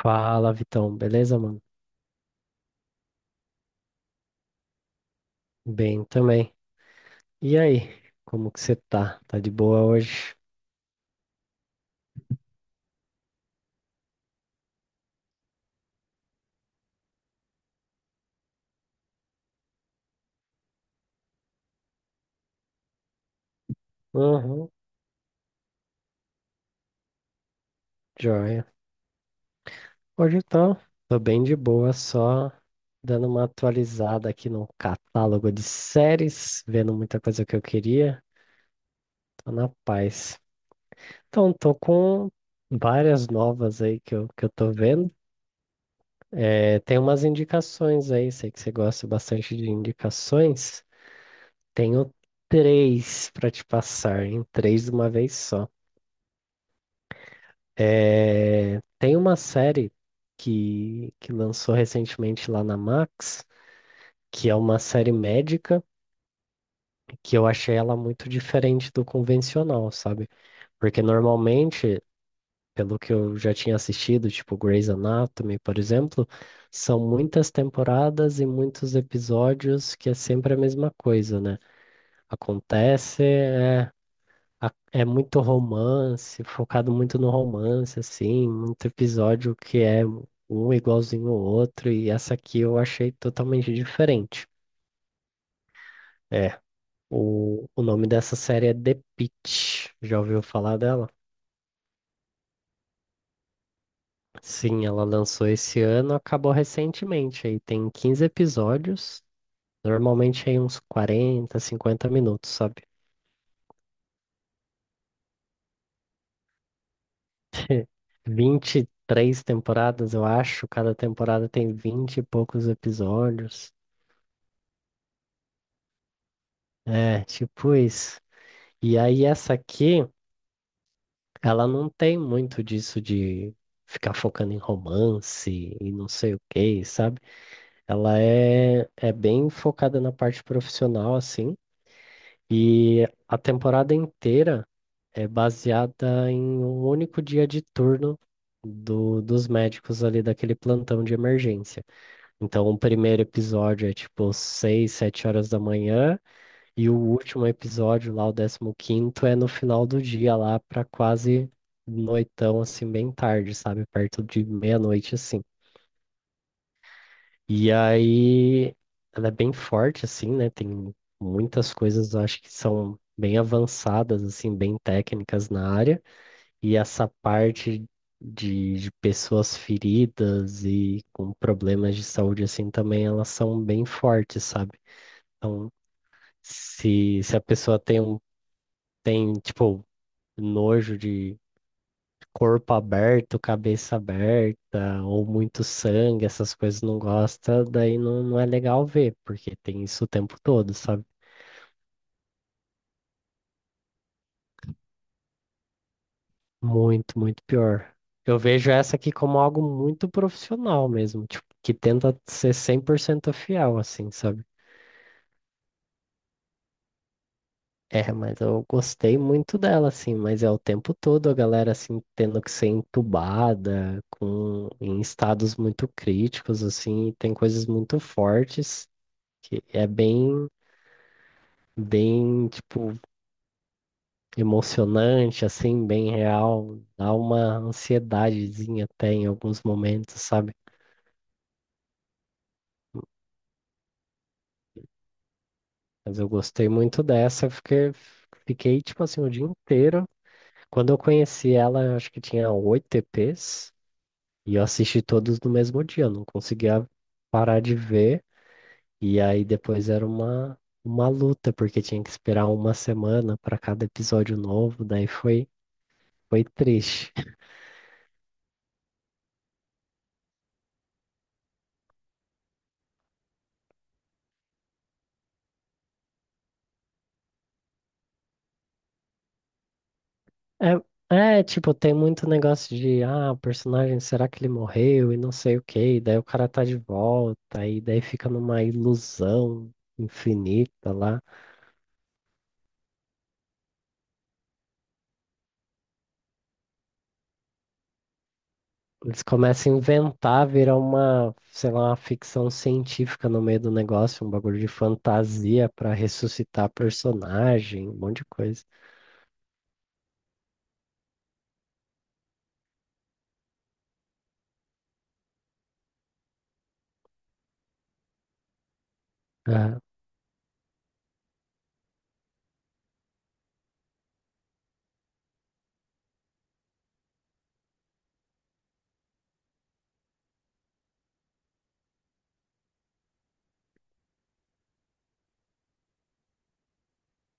Fala, Vitão, beleza, mano? Bem também. E aí, como que você tá? Tá de boa hoje? Uhum, joia. Hoje tô bem de boa, só dando uma atualizada aqui no catálogo de séries, vendo muita coisa que eu queria, tô na paz. Então, tô com várias novas aí que eu tô vendo. É, tem umas indicações aí, sei que você gosta bastante de indicações. Tenho três para te passar, em três de uma vez só. É, tem uma série que lançou recentemente lá na Max, que é uma série médica, que eu achei ela muito diferente do convencional, sabe? Porque normalmente, pelo que eu já tinha assistido, tipo Grey's Anatomy, por exemplo, são muitas temporadas e muitos episódios que é sempre a mesma coisa, né? Acontece, é muito romance, focado muito no romance, assim, muito episódio que é um igualzinho ao outro, e essa aqui eu achei totalmente diferente. É, o nome dessa série é The Pitt, já ouviu falar dela? Sim, ela lançou esse ano, acabou recentemente, aí tem 15 episódios, normalmente aí uns 40, 50 minutos, sabe? 23 temporadas, eu acho, cada temporada tem 20 e poucos episódios. É, tipo isso. E aí essa aqui, ela não tem muito disso de ficar focando em romance e não sei o que, sabe? Ela é bem focada na parte profissional, assim, e a temporada inteira é baseada em um único dia de turno dos médicos ali daquele plantão de emergência. Então, o primeiro episódio é tipo 6, 7 horas da manhã, e o último episódio lá, o 15º, é no final do dia lá pra quase noitão, assim, bem tarde, sabe? Perto de meia-noite, assim. E aí, ela é bem forte, assim, né? Tem muitas coisas, eu acho que são bem avançadas, assim, bem técnicas na área. E essa parte de pessoas feridas e com problemas de saúde, assim, também elas são bem fortes, sabe? Então, se a pessoa tem, tipo, nojo de corpo aberto, cabeça aberta, ou muito sangue, essas coisas não gosta, daí não é legal ver, porque tem isso o tempo todo, sabe? Muito, muito pior. Eu vejo essa aqui como algo muito profissional mesmo, tipo, que tenta ser 100% fiel, assim, sabe? É, mas eu gostei muito dela, assim, mas é o tempo todo a galera, assim, tendo que ser entubada, com, em estados muito críticos, assim, e tem coisas muito fortes que é bem, bem, tipo, emocionante, assim, bem real, dá uma ansiedadezinha até em alguns momentos, sabe? Mas eu gostei muito dessa, eu fiquei, tipo assim, o dia inteiro. Quando eu conheci ela, eu acho que tinha oito EPs, e eu assisti todos no mesmo dia, eu não conseguia parar de ver, e aí depois era uma luta, porque tinha que esperar uma semana para cada episódio novo, daí foi triste. É, tipo, tem muito negócio de, ah, o personagem, será que ele morreu e não sei o quê, e daí o cara tá de volta, e daí fica numa ilusão infinita lá. Eles começam a inventar, virar uma, sei lá, uma ficção científica no meio do negócio, um bagulho de fantasia pra ressuscitar personagem, um monte de coisa. Aham,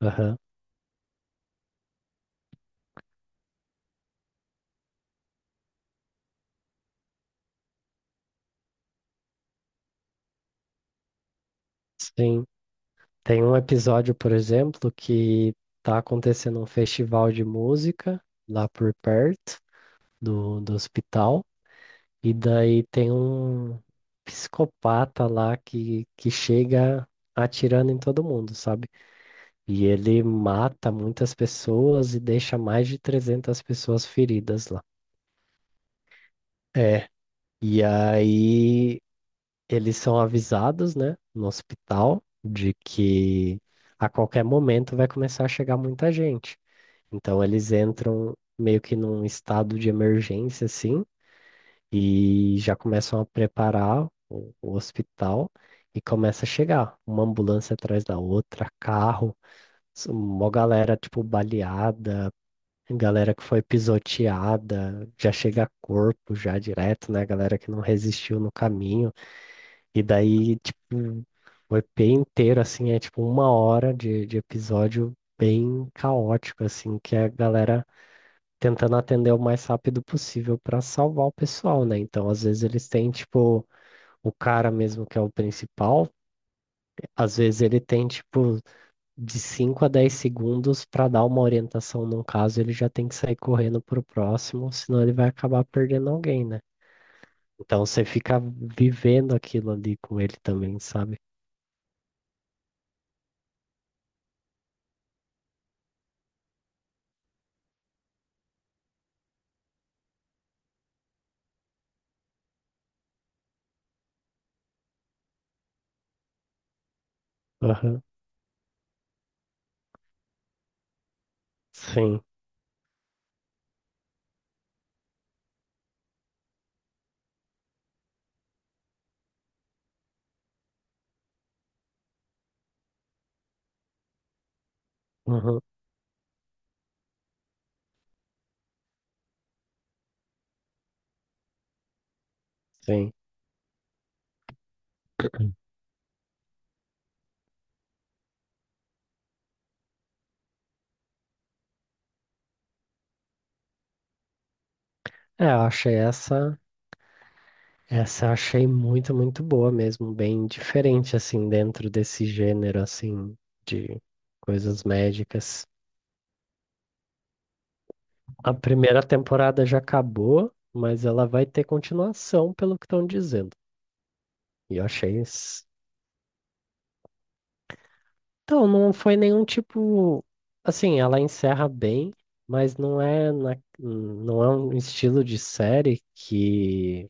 aham. Sim. Tem um episódio, por exemplo, que tá acontecendo um festival de música lá por perto do hospital. E daí tem um psicopata lá que chega atirando em todo mundo, sabe? E ele mata muitas pessoas e deixa mais de 300 pessoas feridas lá. É. E aí eles são avisados, né, no hospital, de que a qualquer momento vai começar a chegar muita gente. Então eles entram meio que num estado de emergência, assim, e já começam a preparar o hospital e começa a chegar uma ambulância atrás da outra, carro, mó galera tipo baleada, galera que foi pisoteada, já chega corpo já direto, né? Galera que não resistiu no caminho. E daí, tipo, o EP inteiro, assim, é tipo uma hora de episódio bem caótico, assim, que a galera tentando atender o mais rápido possível para salvar o pessoal, né? Então, às vezes eles têm, tipo, o cara mesmo que é o principal, às vezes ele tem, tipo, de 5 a 10 segundos para dar uma orientação num caso, ele já tem que sair correndo pro próximo, senão ele vai acabar perdendo alguém, né? Então, você fica vivendo aquilo ali com ele também, sabe? Aham. Sim. Aham. Sim. É, eu achei essa. Essa eu achei muito, muito boa mesmo, bem diferente assim dentro desse gênero assim de coisas médicas. A primeira temporada já acabou, mas ela vai ter continuação, pelo que estão dizendo. E eu achei isso. Então, não foi nenhum tipo assim, ela encerra bem, mas não é na não é um estilo de série que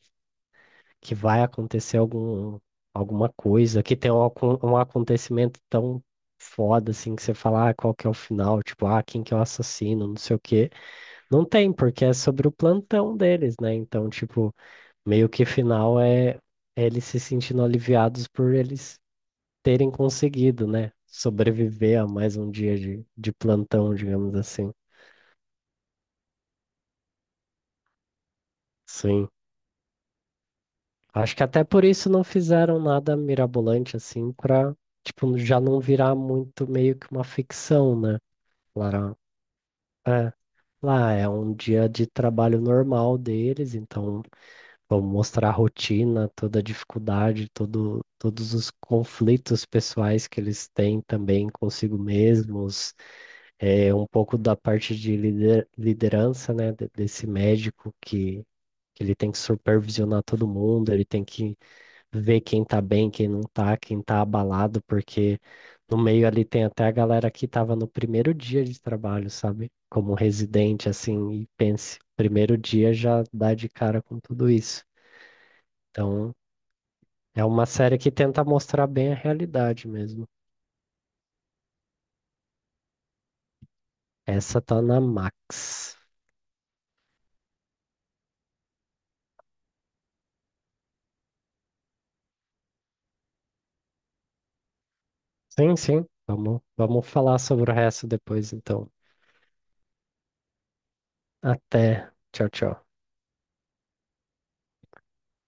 que vai acontecer alguma coisa, que tem um, um acontecimento tão foda assim que você fala, ah, qual que é o final, tipo, ah, quem que é o assassino, não sei o quê. Não tem, porque é sobre o plantão deles, né? Então, tipo, meio que final é eles se sentindo aliviados por eles terem conseguido, né? Sobreviver a mais um dia de plantão, digamos assim. Sim. Acho que até por isso não fizeram nada mirabolante assim pra, tipo, já não virar muito meio que uma ficção, né? Lá, é, lá é um dia de trabalho normal deles, então vamos mostrar a rotina, toda a dificuldade, todos os conflitos pessoais que eles têm também consigo mesmos, é, um pouco da parte de liderança, né? Desse médico que ele tem que supervisionar todo mundo, ele tem que ver quem tá bem, quem não tá, quem tá abalado, porque no meio ali tem até a galera que tava no primeiro dia de trabalho, sabe? Como residente, assim, e pense, primeiro dia já dá de cara com tudo isso. Então, é uma série que tenta mostrar bem a realidade mesmo. Essa tá na Max. Sim, sim. Vamos falar sobre o resto depois, então. Até. Tchau, tchau.